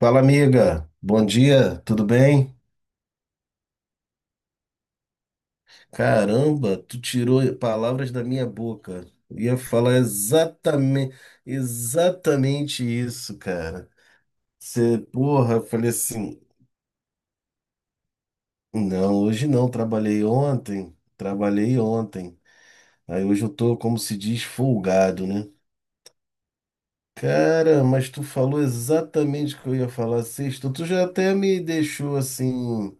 Fala, amiga. Bom dia, tudo bem? Caramba, tu tirou palavras da minha boca. Eu ia falar exatamente isso, cara. Você, porra, eu falei assim, não, hoje não, trabalhei ontem, trabalhei ontem. Aí hoje eu tô, como se diz, folgado, né? Cara, mas tu falou exatamente o que eu ia falar sexta. Tu já até me deixou assim,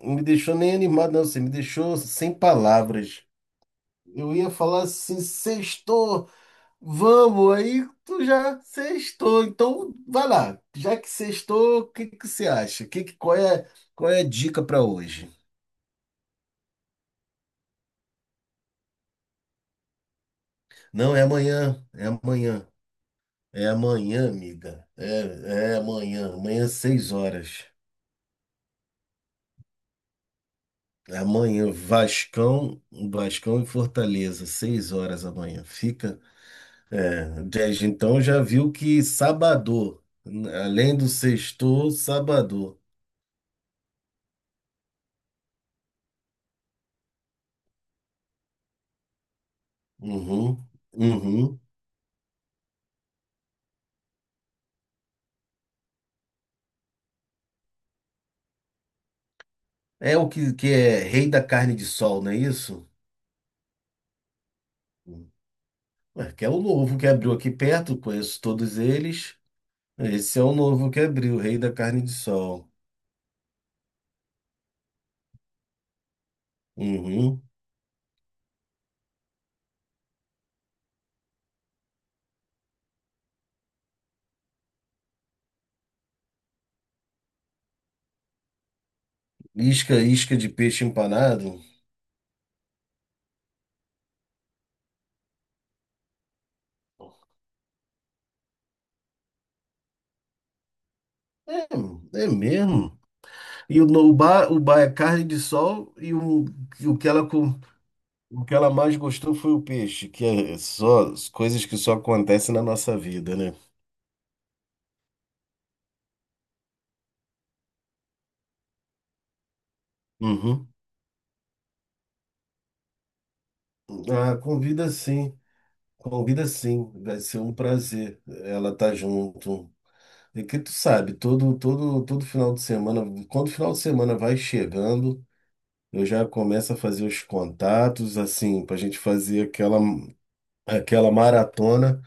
me deixou nem animado, não, você me deixou sem palavras. Eu ia falar assim, sextou, vamos, aí tu já sextou. Então, vai lá. Já que sextou, o que que você acha? Qual é a dica para hoje? Não, é amanhã, é amanhã. É amanhã, amiga. É amanhã, amanhã às 6 horas. Amanhã, Vascão, Vascão e Fortaleza, 6 horas amanhã. Fica. É, desde então já viu que sábado, além do sextou, sábado. Uhum, uhum. É o que, que é rei da carne de sol, não é isso? Ué, que é o novo que abriu aqui perto, conheço todos eles. Esse é o novo que abriu, rei da carne de sol. Uhum. Isca, isca de peixe empanado. É, é mesmo. E o, no- o bar é carne de sol, e o que ela, com- o que ela mais gostou foi o peixe, que é só as coisas que só acontecem na nossa vida, né? Uhum. Ah, convida sim. Convida sim, vai ser um prazer ela estar junto. E que tu sabe, todo, todo, todo final de semana, quando o final de semana vai chegando, eu já começo a fazer os contatos, assim, para a gente fazer aquela maratona,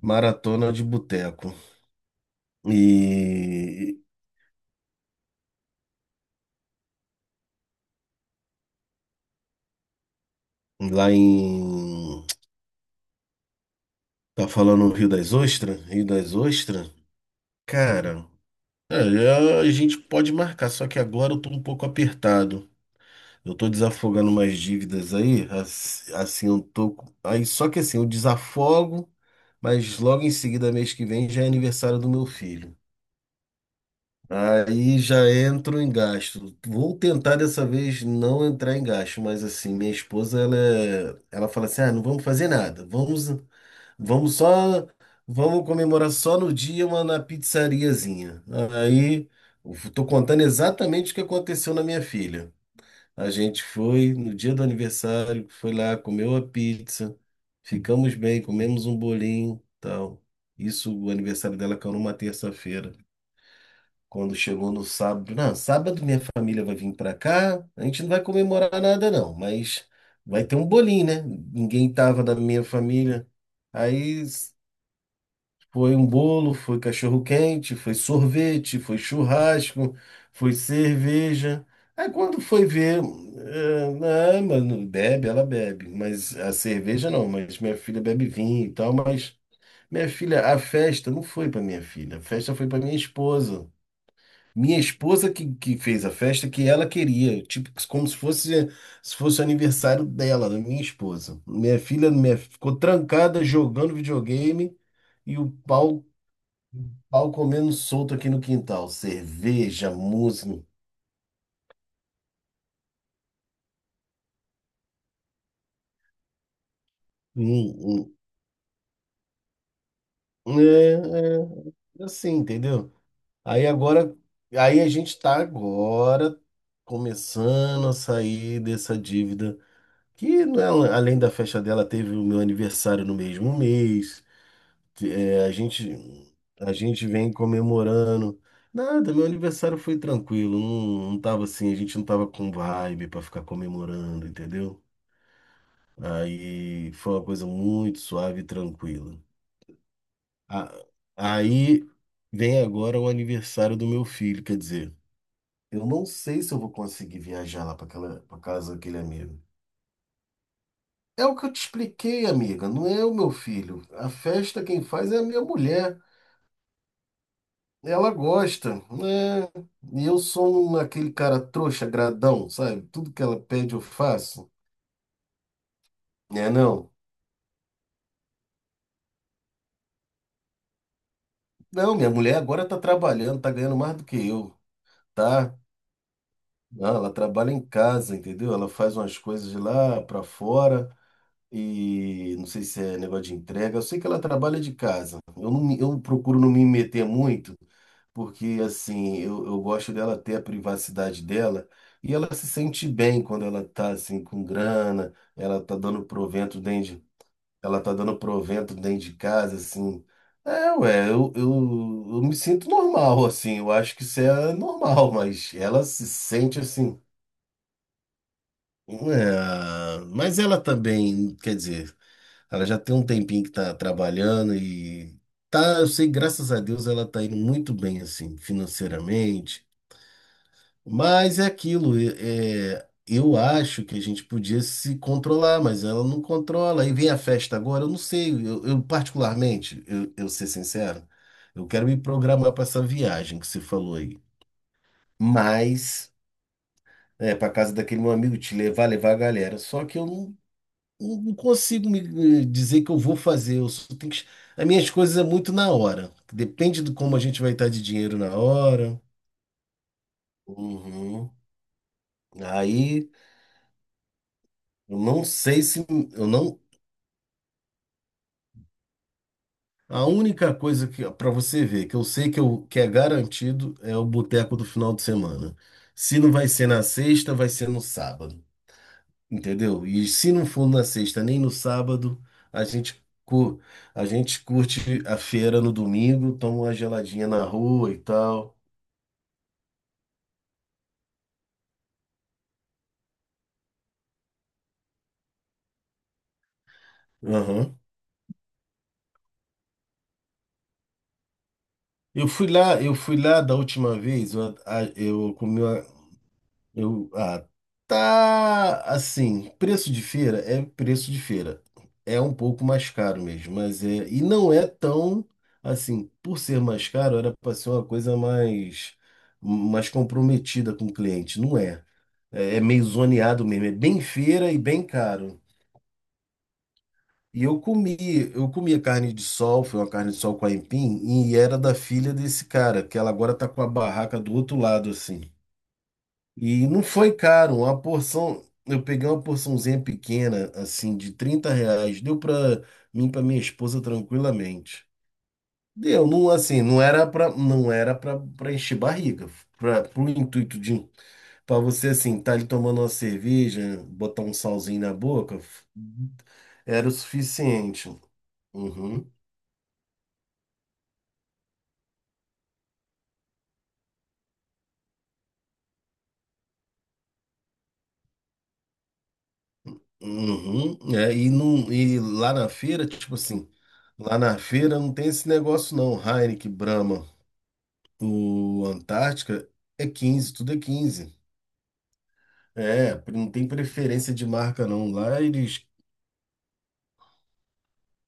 maratona de boteco. E lá em. Tá falando Rio das Ostras? Rio das Ostras? Cara, é, a gente pode marcar, só que agora eu tô um pouco apertado. Eu tô desafogando umas dívidas aí, assim, eu tô. Aí, só que assim, eu desafogo, mas logo em seguida, mês que vem, já é aniversário do meu filho. Aí já entro em gasto. Vou tentar dessa vez não entrar em gasto, mas assim, minha esposa, ela, ela fala assim: ah, não vamos fazer nada, vamos, vamos só, vamos comemorar só no dia, uma na pizzariazinha. Aí, eu tô contando exatamente o que aconteceu na minha filha. A gente foi no dia do aniversário, foi lá, comeu a pizza, ficamos bem, comemos um bolinho, tal. Isso, o aniversário dela caiu numa terça-feira. Quando chegou no sábado, não, sábado minha família vai vir pra cá, a gente não vai comemorar nada não, mas vai ter um bolinho, né? Ninguém tava da minha família. Aí foi um bolo, foi cachorro-quente, foi sorvete, foi churrasco, foi cerveja. Aí quando foi ver, não, mano, bebe, ela bebe, mas a cerveja não, mas minha filha bebe vinho e tal, mas minha filha, a festa não foi para minha filha, a festa foi para minha esposa. Minha esposa que fez a festa que ela queria, tipo, como se fosse se fosse o aniversário dela, da minha esposa. Minha filha minha, ficou trancada jogando videogame e o pau. Pau comendo solto aqui no quintal. Cerveja, música. Hum, hum. É assim, entendeu? Aí agora, aí a gente tá agora começando a sair dessa dívida. Que não é, além da festa dela, teve o meu aniversário no mesmo mês. É, a gente vem comemorando. Nada, meu aniversário foi tranquilo. Não, não tava assim, a gente não tava com vibe pra ficar comemorando, entendeu? Aí foi uma coisa muito suave e tranquila. A- Aí vem agora o aniversário do meu filho, quer dizer, eu não sei se eu vou conseguir viajar lá para aquela, para casa daquele amigo. É o que eu te expliquei, amiga, não é o meu filho. A festa quem faz é a minha mulher. Ela gosta, né? E eu sou aquele cara trouxa, gradão, sabe? Tudo que ela pede eu faço. É, não. Não, minha mulher agora tá trabalhando, tá ganhando mais do que eu, tá? Não, ela trabalha em casa, entendeu? Ela faz umas coisas de lá para fora e não sei se é negócio de entrega. Eu sei que ela trabalha de casa. Eu procuro não me meter muito, porque assim, eu gosto dela ter a privacidade dela e ela se sente bem quando ela tá assim com grana, ela tá dando provento dentro de casa, assim. É, ué, eu me sinto normal, assim, eu acho que isso é normal, mas ela se sente assim. É, mas ela também, quer dizer, ela já tem um tempinho que tá trabalhando e tá, eu sei, graças a Deus ela tá indo muito bem assim, financeiramente. Mas é aquilo, eu acho que a gente podia se controlar, mas ela não controla. Aí vem a festa agora, eu não sei, eu particularmente, eu ser sincero, eu quero me programar para essa viagem que você falou aí. Mas é para casa daquele meu amigo te levar, levar a galera. Só que eu não consigo me dizer que eu vou fazer. Eu só tenho que... As minhas coisas é muito na hora. Depende de como a gente vai estar de dinheiro na hora. Uhum. Aí eu não sei se eu não. A única coisa que para você ver que eu sei que, eu, que é garantido é o boteco do final de semana. Se não vai ser na sexta, vai ser no sábado. Entendeu? E se não for na sexta nem no sábado, a gente, cu- a gente curte a feira no domingo, toma uma geladinha na rua e tal. Aham. Eu fui lá da última vez, eu, eu comi. Eu, ah, tá assim, preço de feira é preço de feira. É um pouco mais caro mesmo, mas é, e não é tão assim, por ser mais caro, era para ser uma coisa mais comprometida com o cliente, não é. É, é meio zoneado mesmo, é bem feira e bem caro. E eu comi a carne de sol, foi uma carne de sol com aipim, e era da filha desse cara, que ela agora tá com a barraca do outro lado assim. E não foi caro, uma porção. Eu peguei uma porçãozinha pequena, assim, de 30 reais. Deu pra mim, e pra minha esposa tranquilamente. Deu, não, assim, não era pra, não era pra, pra encher barriga. Pra, pro intuito de, pra você, assim, tá ali tomando uma cerveja, botar um salzinho na boca, era o suficiente. Uhum, uhum. É, e, não, e lá na feira, tipo assim, lá na feira não tem esse negócio não, Heineken, Brahma. O Antártica é 15, tudo é 15. É, não tem preferência de marca não. Lá eles,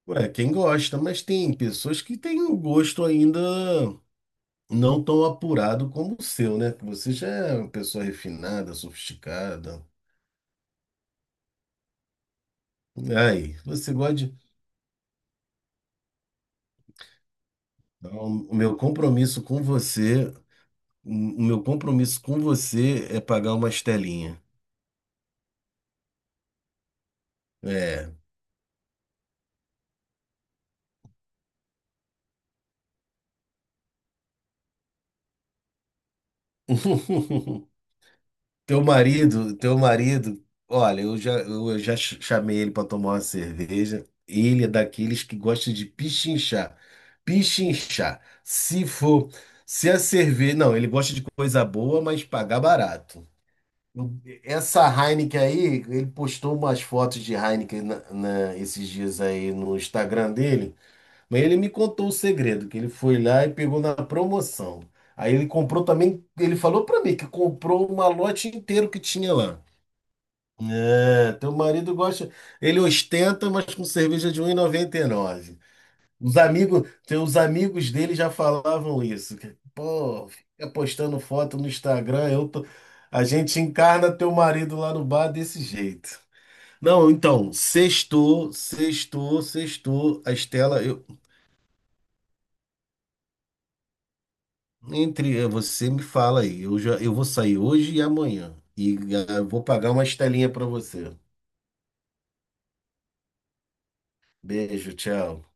ué, quem gosta, mas tem pessoas que têm o gosto ainda não tão apurado como o seu, né? Que você já é uma pessoa refinada, sofisticada. Aí, você gosta de... Não, o meu compromisso com você, o meu compromisso com você é pagar uma estelinha. É. Teu marido, olha, eu já chamei ele para tomar uma cerveja. Ele é daqueles que gosta de pichinchar. Pichinchar. Se for, se a cerveja. Não, ele gosta de coisa boa, mas pagar barato. Essa Heineken aí, ele postou umas fotos de Heineken esses dias aí no Instagram dele. Mas ele me contou o segredo, que ele foi lá e pegou na promoção. Aí ele comprou também, ele falou pra mim que comprou um malote inteiro que tinha lá. É, teu marido gosta, ele ostenta, mas com cerveja de 1,99. Os amigos, teus amigos dele já falavam isso. Que, pô, fica postando foto no Instagram, a gente encarna teu marido lá no bar desse jeito. Não, então, sextou, sextou, sextou. A Estela, eu, entre você me fala aí, eu vou sair hoje e amanhã e ah, vou pagar uma estelinha para você. Beijo, tchau.